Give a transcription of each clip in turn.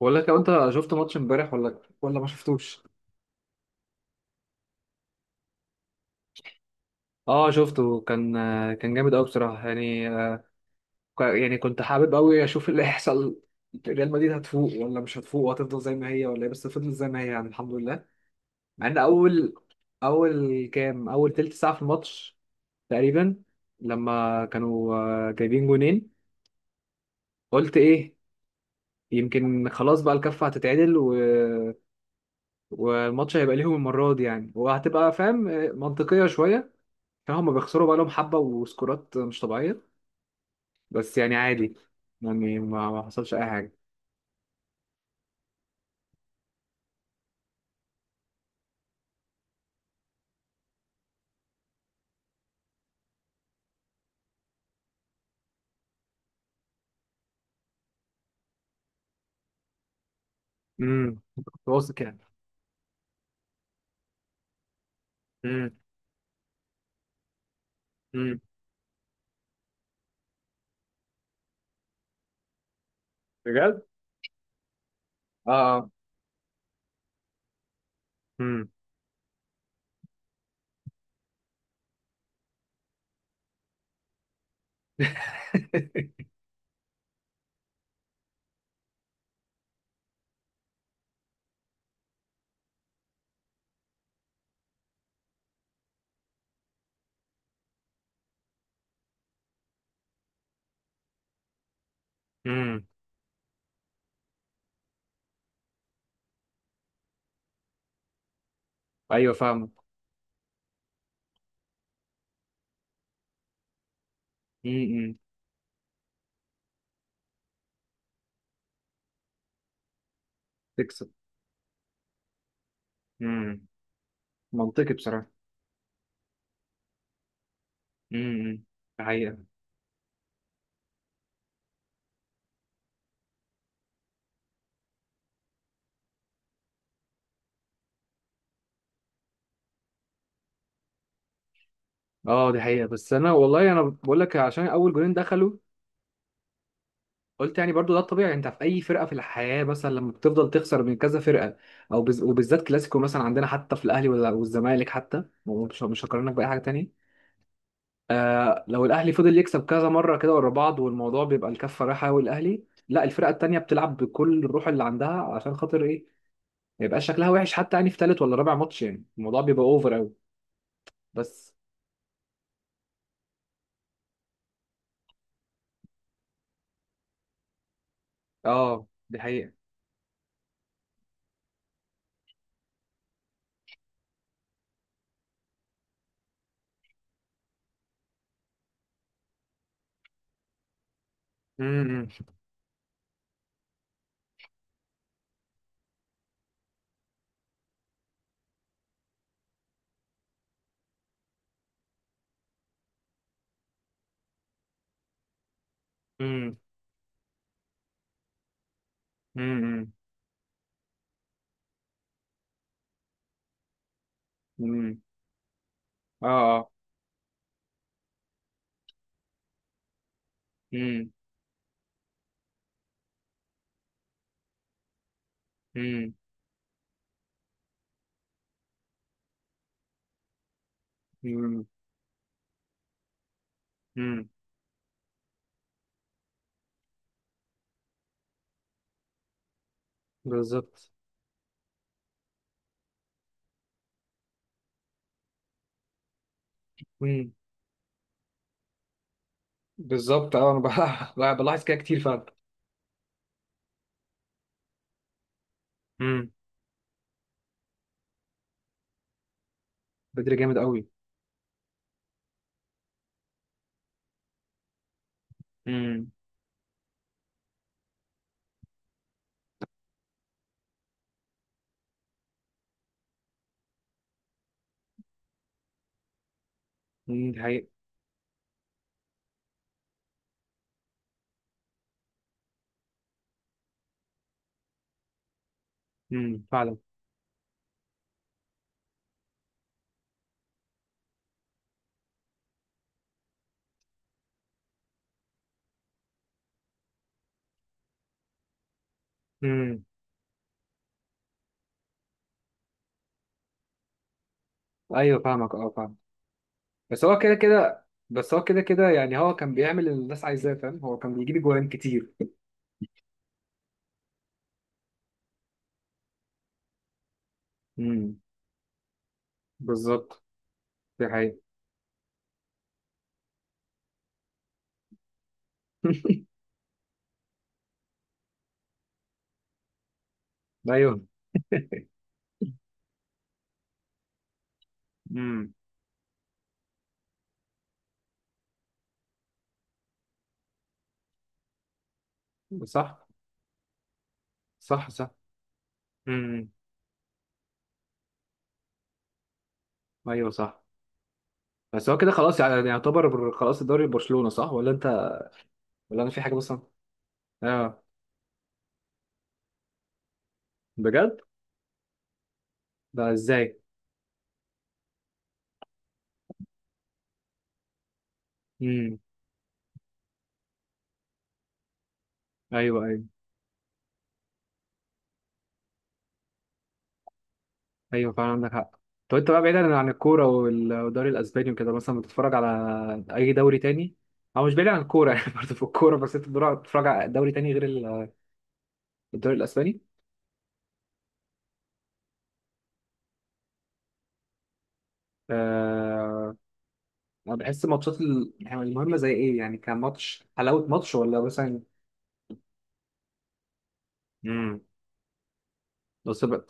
بقول لك لو انت شفت ماتش امبارح ولا ما شفتوش. اه، شفته. كان جامد قوي بصراحه يعني. يعني كنت حابب قوي اشوف اللي هيحصل. ريال مدريد هتفوق ولا مش هتفوق، وهتفضل زي ما هي ولا ايه؟ بس فضلت زي ما هي، يعني الحمد لله. مع ان اول تلت ساعه في الماتش تقريبا، لما كانوا جايبين جونين، قلت ايه؟ يمكن خلاص بقى الكفه هتتعدل والماتش هيبقى ليهم المره دي يعني، وهتبقى فاهم، منطقيه شويه. فهم بيخسروا بقى لهم حبة وسكورات مش طبيعية، بس يعني عادي. يعني ما حصلش أي حاجة. امم، كنت واثق يعني. امم. امم. بجد؟ اه. اه. امم. امم. أيوه فاهم. امم. تكسب. امم. منطقي بصراحة. امم، دي حقيقة. اه دي حقيقة، بس أنا والله أنا بقول لك، عشان أول جولين دخلوا، قلت يعني برضو ده الطبيعي. انت في اي فرقه في الحياه، مثلا لما بتفضل تخسر من كذا فرقه، او وبالذات كلاسيكو، مثلا عندنا حتى في الاهلي ولا والزمالك حتى، ومش مش هقارنك باي حاجه تانية. آه، لو الاهلي فضل يكسب كذا مره كده ورا بعض، والموضوع بيبقى الكفه رايحه قوي الاهلي، لا، الفرقه التانية بتلعب بكل الروح اللي عندها. عشان خاطر ايه؟ ما يبقاش شكلها وحش، حتى يعني في ثالث ولا رابع ماتش يعني الموضوع بيبقى اوفر قوي بس. اه دي حقيقه. امم. امم. امم. امم. اه. اه. امم. امم. بالظبط. امم. بالظبط. اه، انا بلاحظ كده كتير فعلا. امم. بدري جامد قوي. امم. دي حقيقة. فعلا. امم. ايوه فاهمك. اه فاهم. بس هو كده كده. بس هو كده كده يعني، هو كان بيعمل اللي الناس عايزاه فاهم، هو كان بيجيب جوان كتير. امم. بالظبط. دي حقيقة. ايوه. امم. صح. صح صح. امم. ايوه صح. بس هو كده خلاص يعني، يعني يعتبر خلاص الدوري برشلونة، صح ولا انت ولا انا في حاجة مثلا؟ اه. بجد؟ ده ازاي؟ امم. ايوه. ايوه. ايوه فعلا عندك حق. طب انت بقى، بعيدا عن الكوره والدوري الاسباني وكده، مثلا بتتفرج على اي دوري تاني؟ او مش بعيد عن الكوره يعني برضه في الكوره، بس انت بتتفرج على دوري تاني غير الدوري الاسباني؟ آه... انا بحس ماتشات يعني المهمه زي ايه يعني، كان ماتش حلاوه ماتش ولا مثلا؟ امم. بس بقى.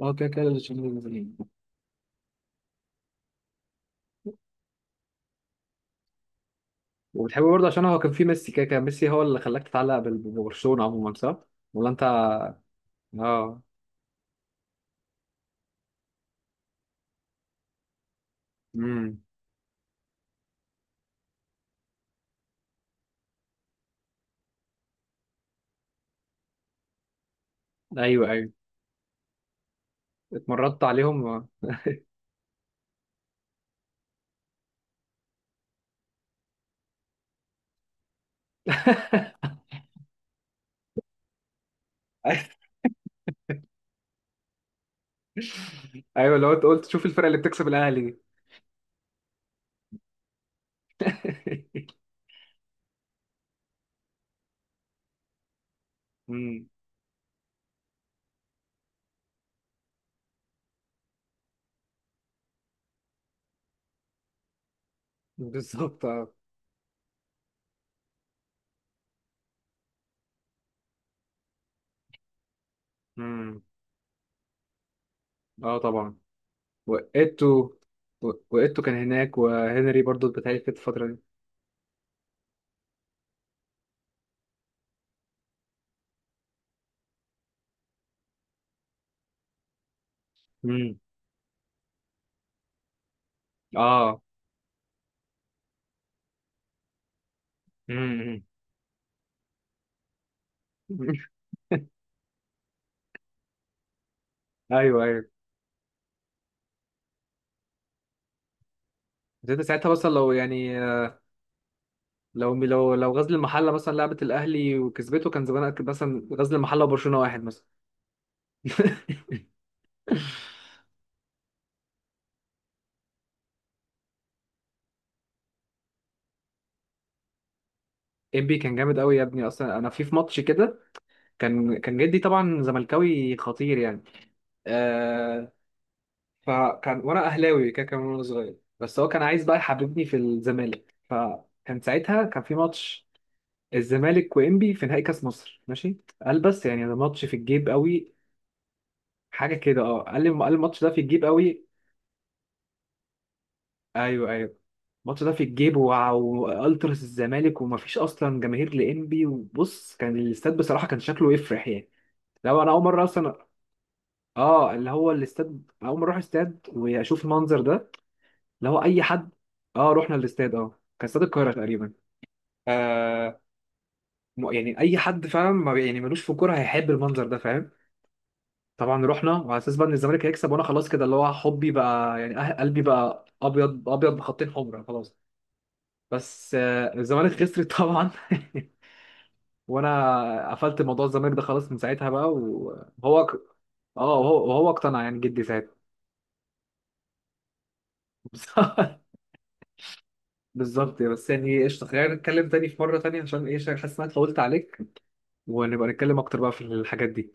اه كده كده الشامبيونز نازلين. وبتحبه برضه عشان هو كان في ميسي كده، كان ميسي هو اللي خلاك تتعلق ببرشلونه عموما، صح ولا انت؟ اه. امم. ايوه ايوه. مرضت عليهم. ايوه لو انت قلت شوف الفرقه اللي بتكسب الاهلي دي. امم. بالظبط. اه. امم. اه طبعا. وقيتو وقيتو كان هناك، وهنري برضو بتهيألي في الفتره دي. امم. اه. امم. ايوه ايوه. بس انت ساعتها مثلا لو يعني، لو غزل المحله مثلا لعبت الاهلي وكسبته، كان زمان مثلا غزل المحله وبرشلونه واحد مثلا. انبي كان جامد قوي يا ابني. اصلا انا في ماتش كده، كان كان جدي طبعا زملكاوي خطير يعني. آه. فكان وانا اهلاوي كده، كان وانا صغير، بس هو كان عايز بقى يحببني في الزمالك، فكان ساعتها كان في ماتش الزمالك وانبي في نهائي كاس مصر، ماشي. قال بس يعني ده ماتش في الجيب قوي. حاجه كده. اه قال لي، قال الماتش ده في الجيب قوي. ايوه ايوه. الماتش ده في الجيب، والتراس الزمالك، ومفيش اصلا جماهير لانبي، وبص، كان الاستاد بصراحه كان شكله يفرح يعني. لو انا اول مره اصلا، اه اللي هو الاستاد، اول مره اروح استاد واشوف المنظر ده، اللي هو اي حد. اه، رحنا الاستاد. اه كان استاد القاهره تقريبا. آه. يعني اي حد فعلا ما بي- يعني ملوش في الكوره هيحب المنظر ده فاهم. طبعا رحنا، وعلى اساس بقى ان الزمالك هيكسب، وانا خلاص كده اللي هو حبي بقى يعني، قلبي بقى ابيض، ابيض بخطين حمر خلاص. بس آه الزمالك خسرت طبعا. وانا قفلت موضوع الزمالك ده خلاص من ساعتها بقى، وهو اه، وهو اقتنع يعني، جدي ساعتها. بالظبط. بس يعني قشطه، خلينا نتكلم تاني في مره تانيه، عشان ايه؟ عشان حاسس ان انا اتطولت عليك، ونبقى نتكلم اكتر بقى في الحاجات دي.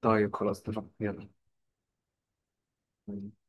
طيب خلاص اتفقنا. يلا.